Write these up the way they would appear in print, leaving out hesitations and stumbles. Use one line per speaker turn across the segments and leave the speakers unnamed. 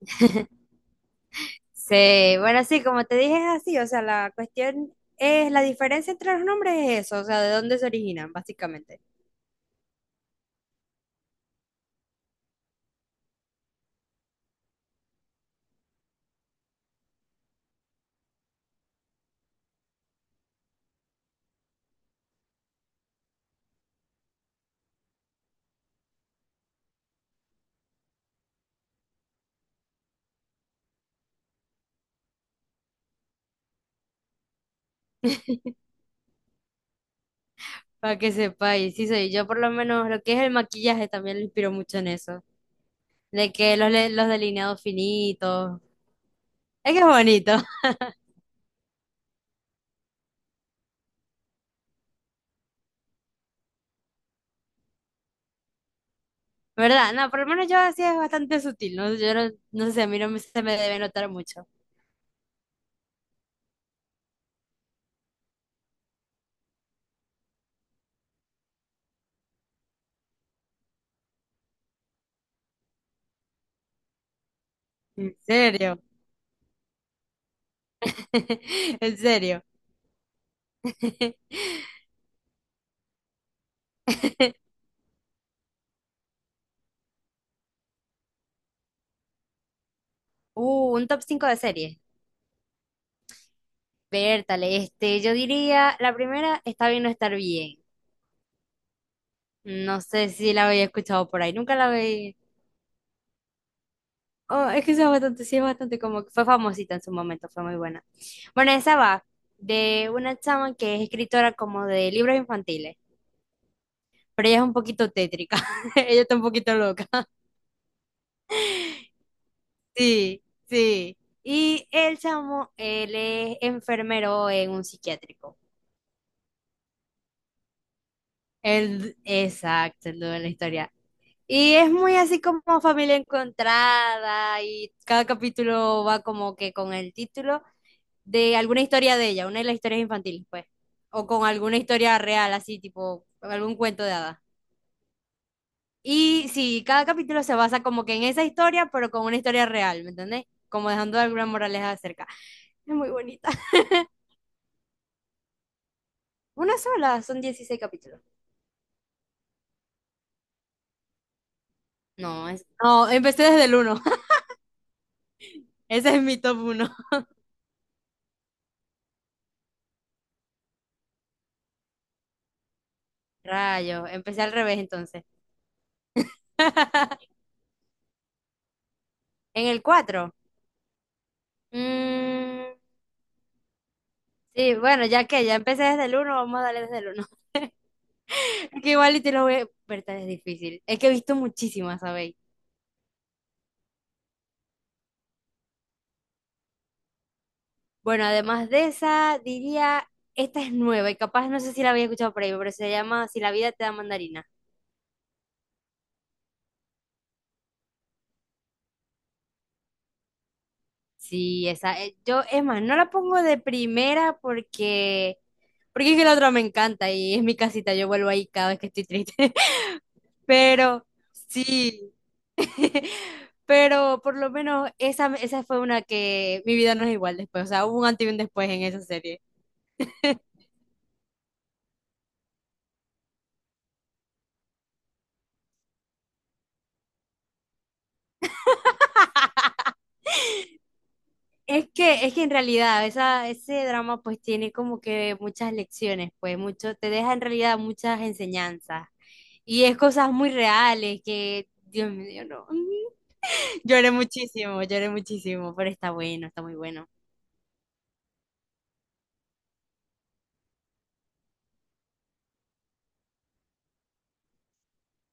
Sí, bueno, sí, como te dije, es así, o sea, la cuestión es, la diferencia entre los nombres es eso, o sea, de dónde se originan, básicamente, para que sepáis, sí soy, yo por lo menos lo que es el maquillaje también lo inspiro mucho en eso, de que los delineados finitos, es que es bonito. ¿Verdad? No, por lo menos yo así es bastante sutil, ¿no? Yo no, no sé, a mí no me- se me debe notar mucho. ¿En serio? ¿En serio? Un top 5 de series. Bertale, yo diría, la primera, está bien no estar bien. No sé si la había escuchado por ahí, nunca la había... Oh, es que esa es bastante, sí, es bastante como que fue famosita en su momento, fue muy buena. Bueno, esa va de una chama que es escritora como de libros infantiles, pero ella es un poquito tétrica, ella está un poquito loca. Sí, sí. Y el chamo, él es enfermero en un psiquiátrico. Él, exacto, el dueño de la historia. Y es muy así como familia encontrada, y cada capítulo va como que con el título de alguna historia de ella, una de las historias infantiles, pues, o con alguna historia real, así tipo algún cuento de hadas. Y sí, cada capítulo se basa como que en esa historia, pero con una historia real, ¿me entendés? Como dejando alguna moraleja acerca. Es muy bonita. Una sola, son 16 capítulos. No, es... no, empecé desde el uno. Ese es mi top uno. Rayos, empecé al revés entonces. En el 4. Sí, bueno, ya que ya empecé desde el uno, vamos a darle desde el uno. Es que igual y te lo voy a... Pero tal es difícil. Es que he visto muchísimas, ¿sabéis? Bueno, además de esa, diría, esta es nueva y capaz no sé si la había escuchado por ahí, pero se llama Si la vida te da mandarina. Sí, esa. Yo, es más, no la pongo de primera porque... Porque es que la otra me encanta y es mi casita, yo vuelvo ahí cada vez que estoy triste. Pero sí. Pero por lo menos esa, esa fue una que mi vida no es igual después, o sea, hubo un antes y un después en esa serie. Es que en realidad esa, ese drama pues tiene como que muchas lecciones, pues mucho, te deja en realidad muchas enseñanzas y es cosas muy reales que, Dios mío, no. Lloré muchísimo, pero está bueno, está muy bueno.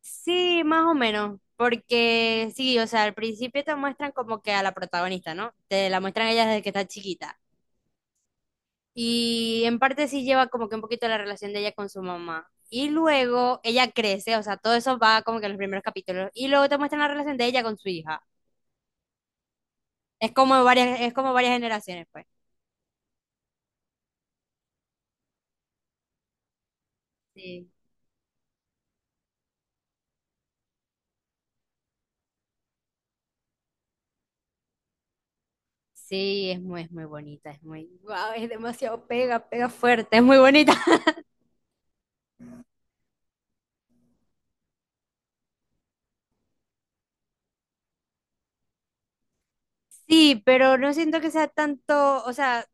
Sí, más o menos, porque sí, o sea, al principio te muestran como que a la protagonista, ¿no? Te la muestran ella desde que está chiquita. Y en parte sí lleva como que un poquito la relación de ella con su mamá. Y luego ella crece, o sea, todo eso va como que en los primeros capítulos. Y luego te muestran la relación de ella con su hija. Es como varias generaciones, pues. Sí, sí, es muy bonita, es muy, wow, es demasiado pega, pega fuerte, es muy bonita. Sí, pero no siento que sea tanto, o sea,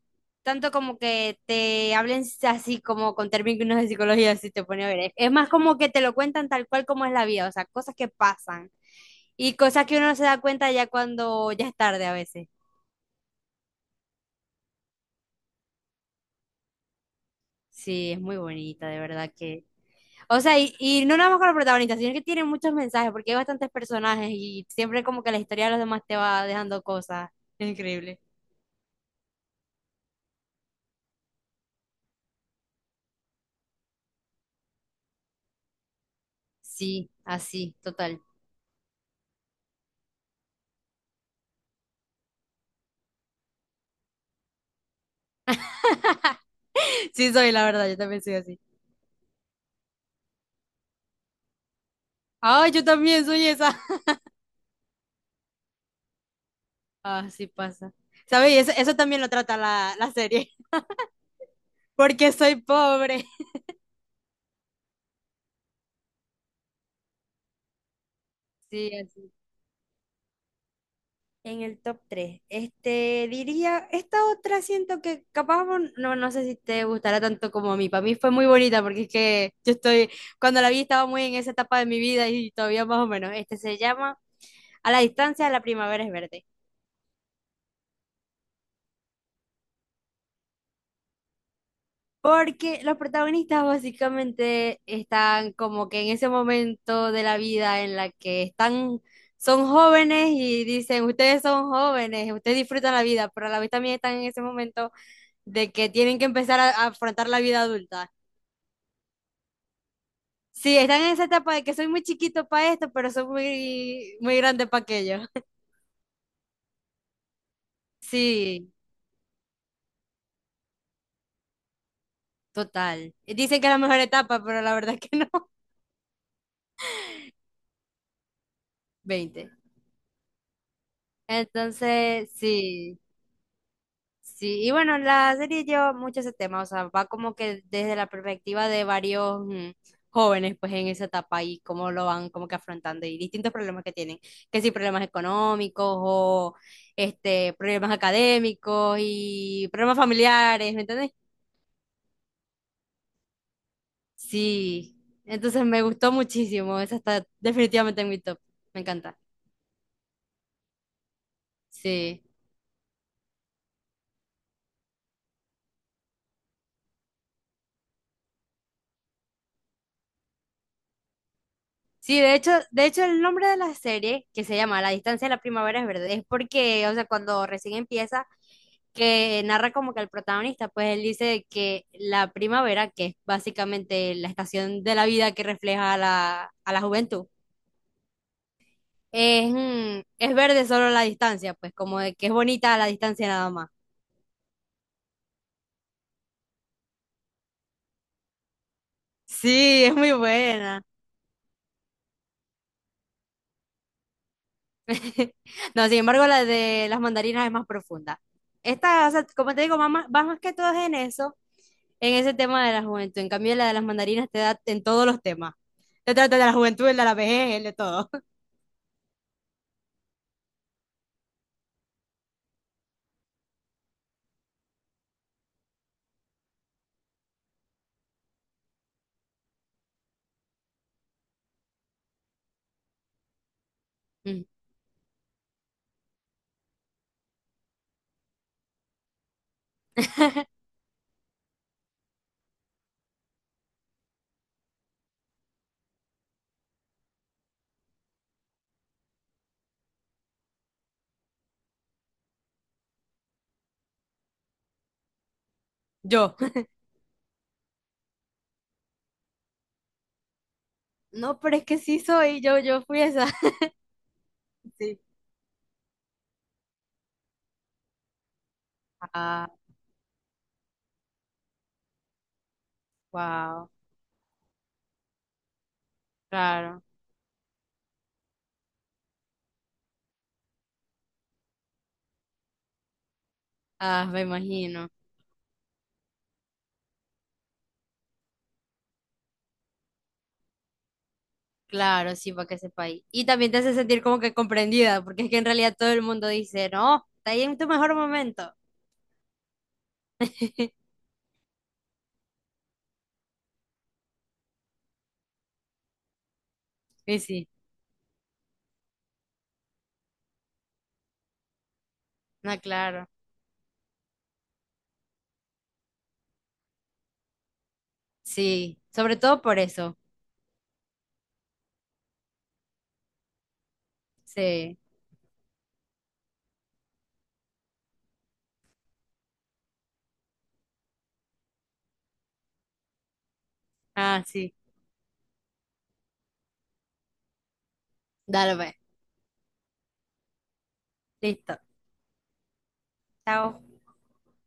tanto como que te hablen así como con términos de psicología, así te pone a ver. Es más como que te lo cuentan tal cual como es la vida, o sea, cosas que pasan y cosas que uno no se da cuenta ya cuando ya es tarde a veces. Sí, es muy bonita, de verdad que. O sea, y no nada más con los protagonistas, sino que tiene muchos mensajes, porque hay bastantes personajes y siempre como que la historia de los demás te va dejando cosas. Es increíble. Sí, así, total. Sí, soy la verdad, yo también soy así. Ay, yo también soy esa. Ah, sí pasa. ¿Sabes? Y eso también lo trata la serie. Porque soy pobre. Sí, así. En el top tres, diría, esta otra siento que capaz vos- no, no sé si te gustará tanto como a mí. Para mí fue muy bonita porque es que yo estoy, cuando la vi estaba muy en esa etapa de mi vida y todavía más o menos. Este se llama A la distancia, la primavera es verde. Porque los protagonistas básicamente están como que en ese momento de la vida en la que están, son jóvenes y dicen, ustedes son jóvenes, ustedes disfrutan la vida, pero a la vez también están en ese momento de que tienen que empezar a afrontar la vida adulta. Sí, están en esa etapa de que soy muy chiquito para esto, pero soy muy, muy grande para aquello. Sí, total. Dicen que es la mejor etapa, pero la verdad es que no. Veinte. Entonces, sí. Sí, y bueno, la serie lleva mucho ese tema, o sea, va como que desde la perspectiva de varios jóvenes, pues en esa etapa y cómo lo van como que afrontando y distintos problemas que tienen, que si problemas económicos o problemas académicos y problemas familiares, ¿me entendés? Sí, entonces me gustó muchísimo, esa está definitivamente en mi top, me encanta, sí. Sí, de hecho el nombre de la serie, que se llama La distancia de la primavera es verde, es porque, o sea, cuando recién empieza, que narra como que el protagonista, pues él dice que la primavera, que es básicamente la estación de la vida que refleja a la juventud, es, es verde solo la distancia, pues como de que es bonita a la distancia nada más. Sí, es muy buena. No, sin embargo, la de las mandarinas es más profunda. Esta, o sea, como te digo, va más que todo en eso, en ese tema de la juventud. En cambio, la de las mandarinas te da en todos los temas. Te trata de la juventud, el de la vejez, el de todo. Mm. Yo. No, pero es que sí soy, yo fui esa. Sí. Ah, wow, claro. Ah, me imagino. Claro, sí, para que sepa ahí. Y también te hace sentir como que comprendida, porque es que en realidad todo el mundo dice, no, está ahí en tu mejor momento. Y sí, no, claro. Sí, sobre todo por eso. Sí. Ah, sí. Dale, pues. Listo. Chao.